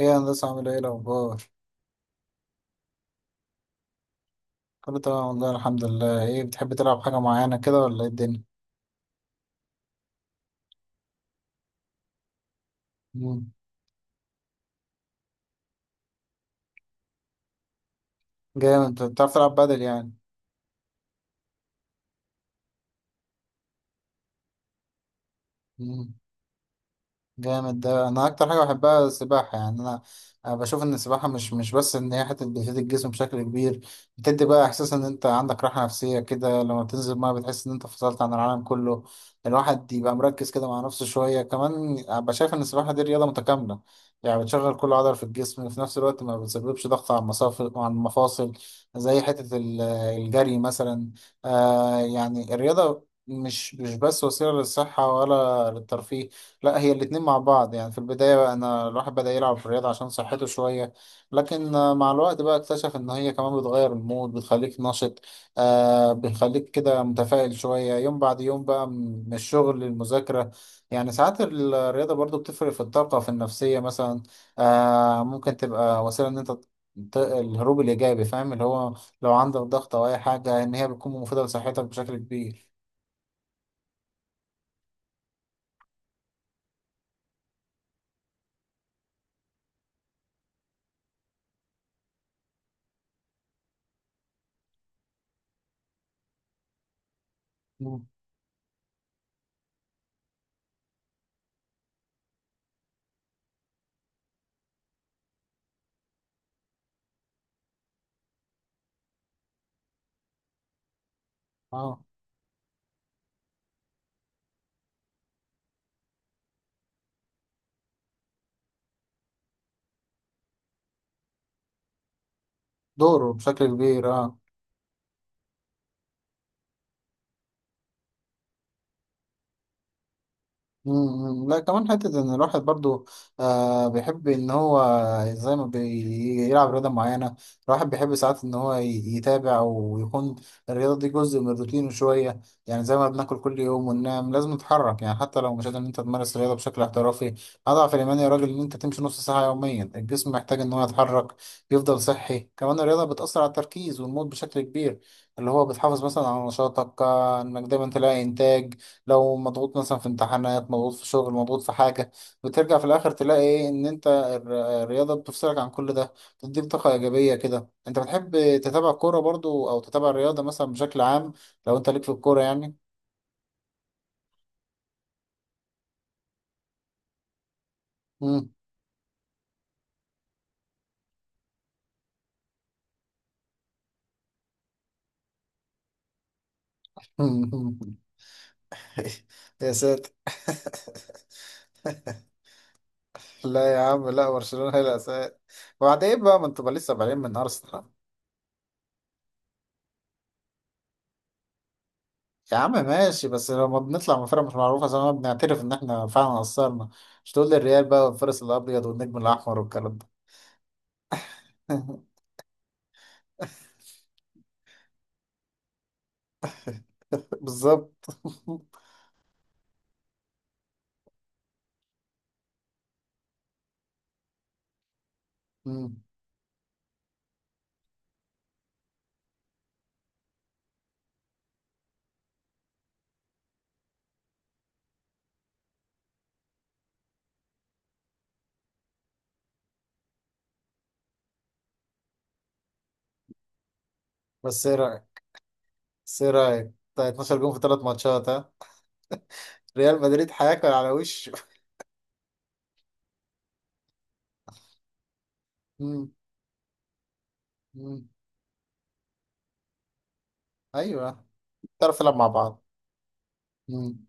ايه يا هندسة عامل ايه الأخبار؟ كله تمام والله الحمد لله، ايه بتحب تلعب حاجة معينة كده ولا ايه الدنيا؟ مم. جامد انت بتعرف تلعب بدل يعني؟ مم. جامد ده انا اكتر حاجه بحبها السباحه يعني أنا بشوف ان السباحه مش بس ان هي حته بتفيد الجسم بشكل كبير. بتدي بقى احساس ان انت عندك راحه نفسيه كده لما بتنزل الميه بتحس ان انت فصلت عن العالم كله. الواحد يبقى مركز كده مع نفسه شويه كمان. أبقى شايف ان السباحه دي رياضه متكامله، يعني بتشغل كل عضله في الجسم وفي نفس الوقت ما بتسببش ضغط على المصافي وعلى المفاصل زي حته الجري مثلا. آه يعني الرياضه مش بس وسيله للصحه ولا للترفيه، لا هي الاتنين مع بعض. يعني في البداية بقى أنا الواحد بدأ يلعب في الرياضة عشان صحته شوية، لكن مع الوقت بقى اكتشف إن هي كمان بتغير المود، بتخليك نشط، آه بتخليك كده متفائل شوية. يوم بعد يوم بقى من الشغل للمذاكرة، يعني ساعات الرياضة برضو بتفرق في الطاقة في النفسية مثلا. آه ممكن تبقى وسيلة إن أنت الهروب الإيجابي، فاهم اللي هو لو عندك ضغط أو أي حاجة إن هي بتكون مفيدة لصحتك بشكل كبير. مم. اه دوره بشكل كبير اه. مم. لا كمان حتة إن الواحد برضو آه بيحب إن هو زي ما بيلعب رياضة معينة، الواحد بيحب ساعات إن هو يتابع ويكون الرياضة دي جزء من روتينه شوية. يعني زي ما بناكل كل يوم وننام، لازم نتحرك، يعني حتى لو مش قادر إن أنت تمارس الرياضة بشكل احترافي، أضعف الإيمان يا راجل إن أنت تمشي نص ساعة يوميا. الجسم محتاج إن هو يتحرك يفضل صحي. كمان الرياضة بتأثر على التركيز والمود بشكل كبير، اللي هو بتحافظ مثلا على نشاطك، إنك دايما تلاقي إنتاج لو مضغوط مثلا في امتحانات، مضغوط في شغل، مضغوط في حاجة، بترجع في الآخر تلاقي إيه إن أنت الرياضة بتفصلك عن كل ده، بتديك طاقة إيجابية كده. أنت بتحب تتابع كورة برضو أو تتابع الرياضة مثلا بشكل عام؟ لو أنت ليك في الكورة يعني. مم. يا ساتر لا يا عم لا، برشلونة هي الأساس. وبعدين إيه بقى، ما انتوا بقى لسه بعدين من أرسنال. يا عم ماشي، بس لما بنطلع من فرقة مش معروفة زي ما بنعترف إن إحنا فعلا قصرنا، مش تقول لي الريال بقى والفارس الأبيض والنجم الأحمر والكلام ده. بالظبط. مم. بس ايه رايك بس ايه رايك بتاع 12 جون في 3 ماتشات ها؟ ريال مدريد هياكل على وشه. مم. مم. ايوه. تعرف تلعب مع بعض. مم.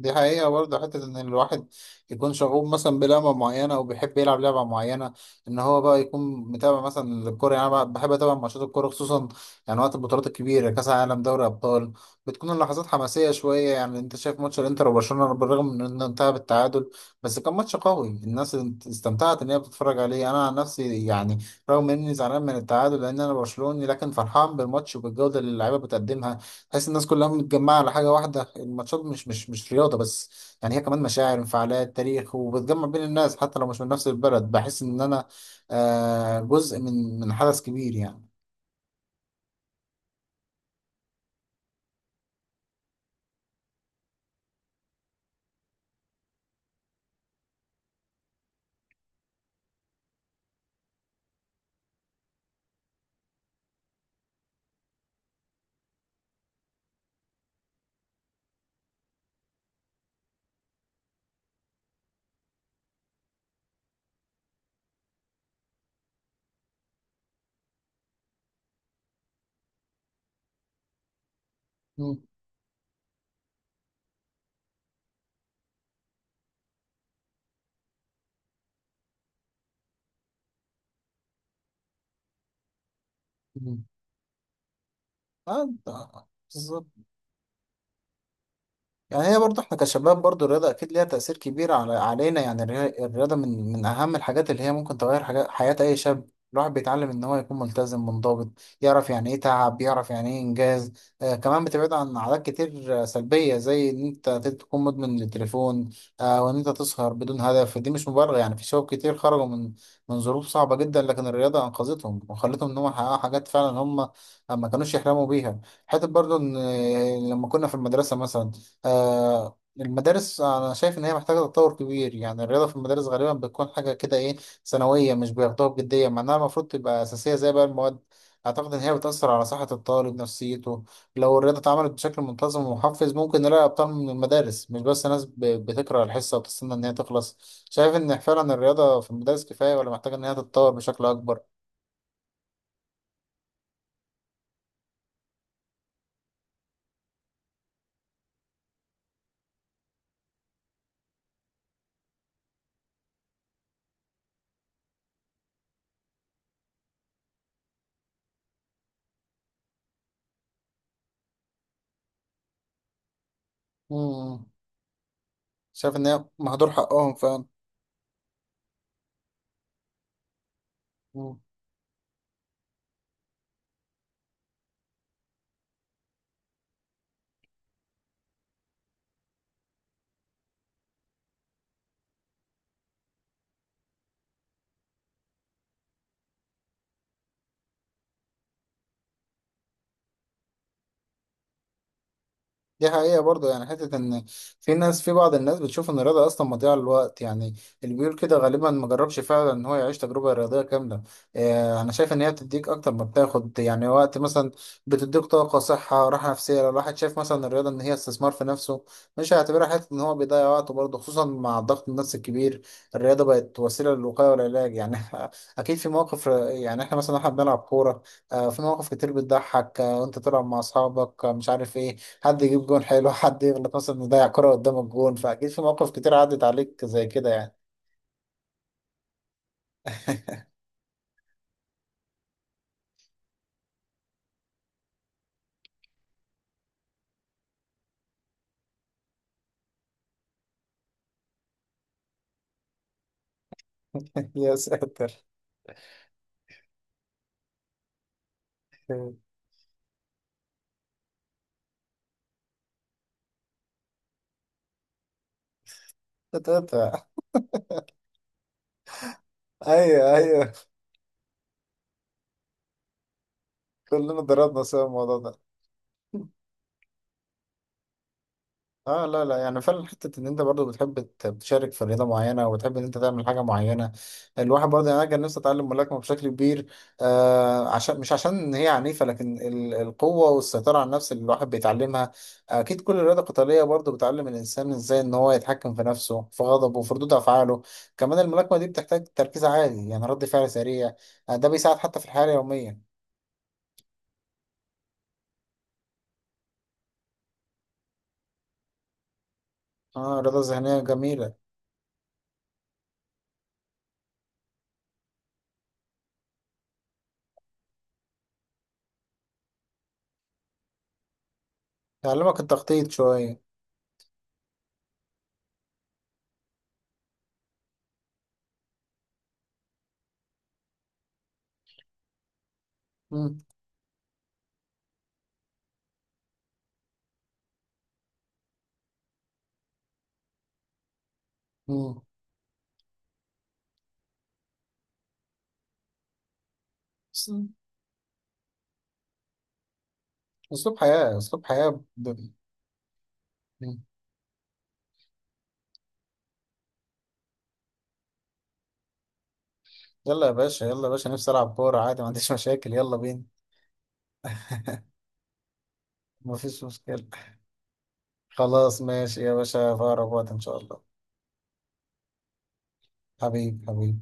دي حقيقة برضه، حتة إن الواحد يكون شغوف مثلا بلعبة معينة أو بيحب يلعب لعبة معينة، إن هو بقى يكون متابع مثلا الكورة. يعني أنا بحب أتابع ماتشات الكورة خصوصا يعني وقت البطولات الكبيرة، كأس العالم، دوري أبطال، بتكون اللحظات حماسية شوية. يعني أنت شايف ماتش الإنتر وبرشلونة، بالرغم من إنه انتهى بالتعادل بس كان ماتش قوي. الناس استمتعت إن هي بتتفرج عليه. أنا عن نفسي يعني رغم إني زعلان من التعادل لأن أنا برشلوني، لكن فرحان بالماتش وبالجودة اللي اللعيبة بتقدمها. تحس الناس كلها متجمعة على حاجة واحدة. الماتشات مش رياضة بس، يعني هي كمان مشاعر، انفعالات، تاريخ، وبتجمع بين الناس حتى لو مش من نفس البلد. بحس إن أنا آه جزء من حدث كبير يعني. مم. مم. آه ده- بالظبط. يعني هي برضه احنا كشباب برضه الرياضة أكيد ليها تأثير كبير على علينا. يعني الرياضة من أهم الحاجات اللي هي ممكن تغير حاجات حياة أي شاب. الواحد بيتعلم إن هو يكون ملتزم منضبط، يعرف يعني إيه تعب، يعرف يعني إيه إنجاز. آه كمان بتبعد عن عادات كتير سلبية زي إن أنت تكون مدمن للتليفون، آه وإن أنت تسهر بدون هدف. دي مش مبرر، يعني في شباب كتير خرجوا من ظروف صعبة جدا لكن الرياضة أنقذتهم وخلتهم إن هم يحققوا حاجات فعلا هم ما كانوش يحلموا بيها. حتى برضه إن لما كنا في المدرسة مثلا، آه المدارس أنا شايف إن هي محتاجة تطور كبير. يعني الرياضة في المدارس غالبا بتكون حاجة كده إيه، ثانوية، مش بياخدوها بجدية مع إنها المفروض تبقى أساسية زي بقى المواد. أعتقد إن هي بتأثر على صحة الطالب نفسيته لو الرياضة اتعملت بشكل منتظم ومحفز ممكن نلاقي أبطال من المدارس، مش بس ناس بتكره الحصة وبتستنى إن هي تخلص. شايف إن فعلا الرياضة في المدارس كفاية ولا محتاجة إن هي تتطور بشكل أكبر؟ مم. شايف إن هي مهدور حقهم فعلا. دي حقيقة برضه. يعني حتة إن في ناس، في بعض الناس بتشوف إن الرياضة أصلا مضيعة للوقت. يعني اللي بيقول كده غالبا ما جربش فعلا إن هو يعيش تجربة رياضية كاملة. آه أنا شايف إن هي بتديك أكتر ما بتاخد، يعني وقت مثلا بتديك طاقة، صحة، راحة نفسية. لو الواحد شايف مثلا الرياضة إن هي استثمار في نفسه مش هيعتبرها حتة إن هو بيضيع وقته، برضه خصوصا مع الضغط النفسي الكبير الرياضة بقت وسيلة للوقاية والعلاج يعني. أكيد في مواقف. يعني إحنا مثلا إحنا بنلعب كورة، آه في مواقف كتير بتضحك. آه وأنت تلعب مع أصحابك آه مش عارف إيه، حد يجيب جون حلو، حد يغلط مثلا يضيع كرة قدام الجون، فأكيد في مواقف كتير عدت عليك زي كده يعني. يا ساتر. قطعتها. أيوه أيوه. كلنا ضربنا سوا الموضوع ده. اه لا لا يعني فعلا حته ان انت برضو بتحب تشارك في رياضه معينه وبتحب ان انت تعمل حاجه معينه. الواحد برضو يعني انا كان نفسي اتعلم ملاكمه بشكل كبير، آه عشان مش عشان إن هي عنيفه لكن القوه والسيطره على النفس اللي الواحد بيتعلمها. اكيد كل رياضه قتاليه برضو بتعلم الانسان ازاي ان هو يتحكم في نفسه، في غضبه، وفي ردود افعاله. كمان الملاكمه دي بتحتاج تركيز عالي، يعني رد فعل سريع، آه ده بيساعد حتى في الحياه اليوميه. اه رياضه ذهنيه جميله. تعلمك التخطيط شويه. مم. مم. اسلوب حياة، اسلوب حياة ب... يلا يا باشا، يلا يا باشا، نفسي العب كورة عادي، ما عنديش مشاكل، يلا بينا. مفيش مشكلة. خلاص ماشي يا باشا، في اقرب وقت ان شاء الله. حبيبي حبيبي.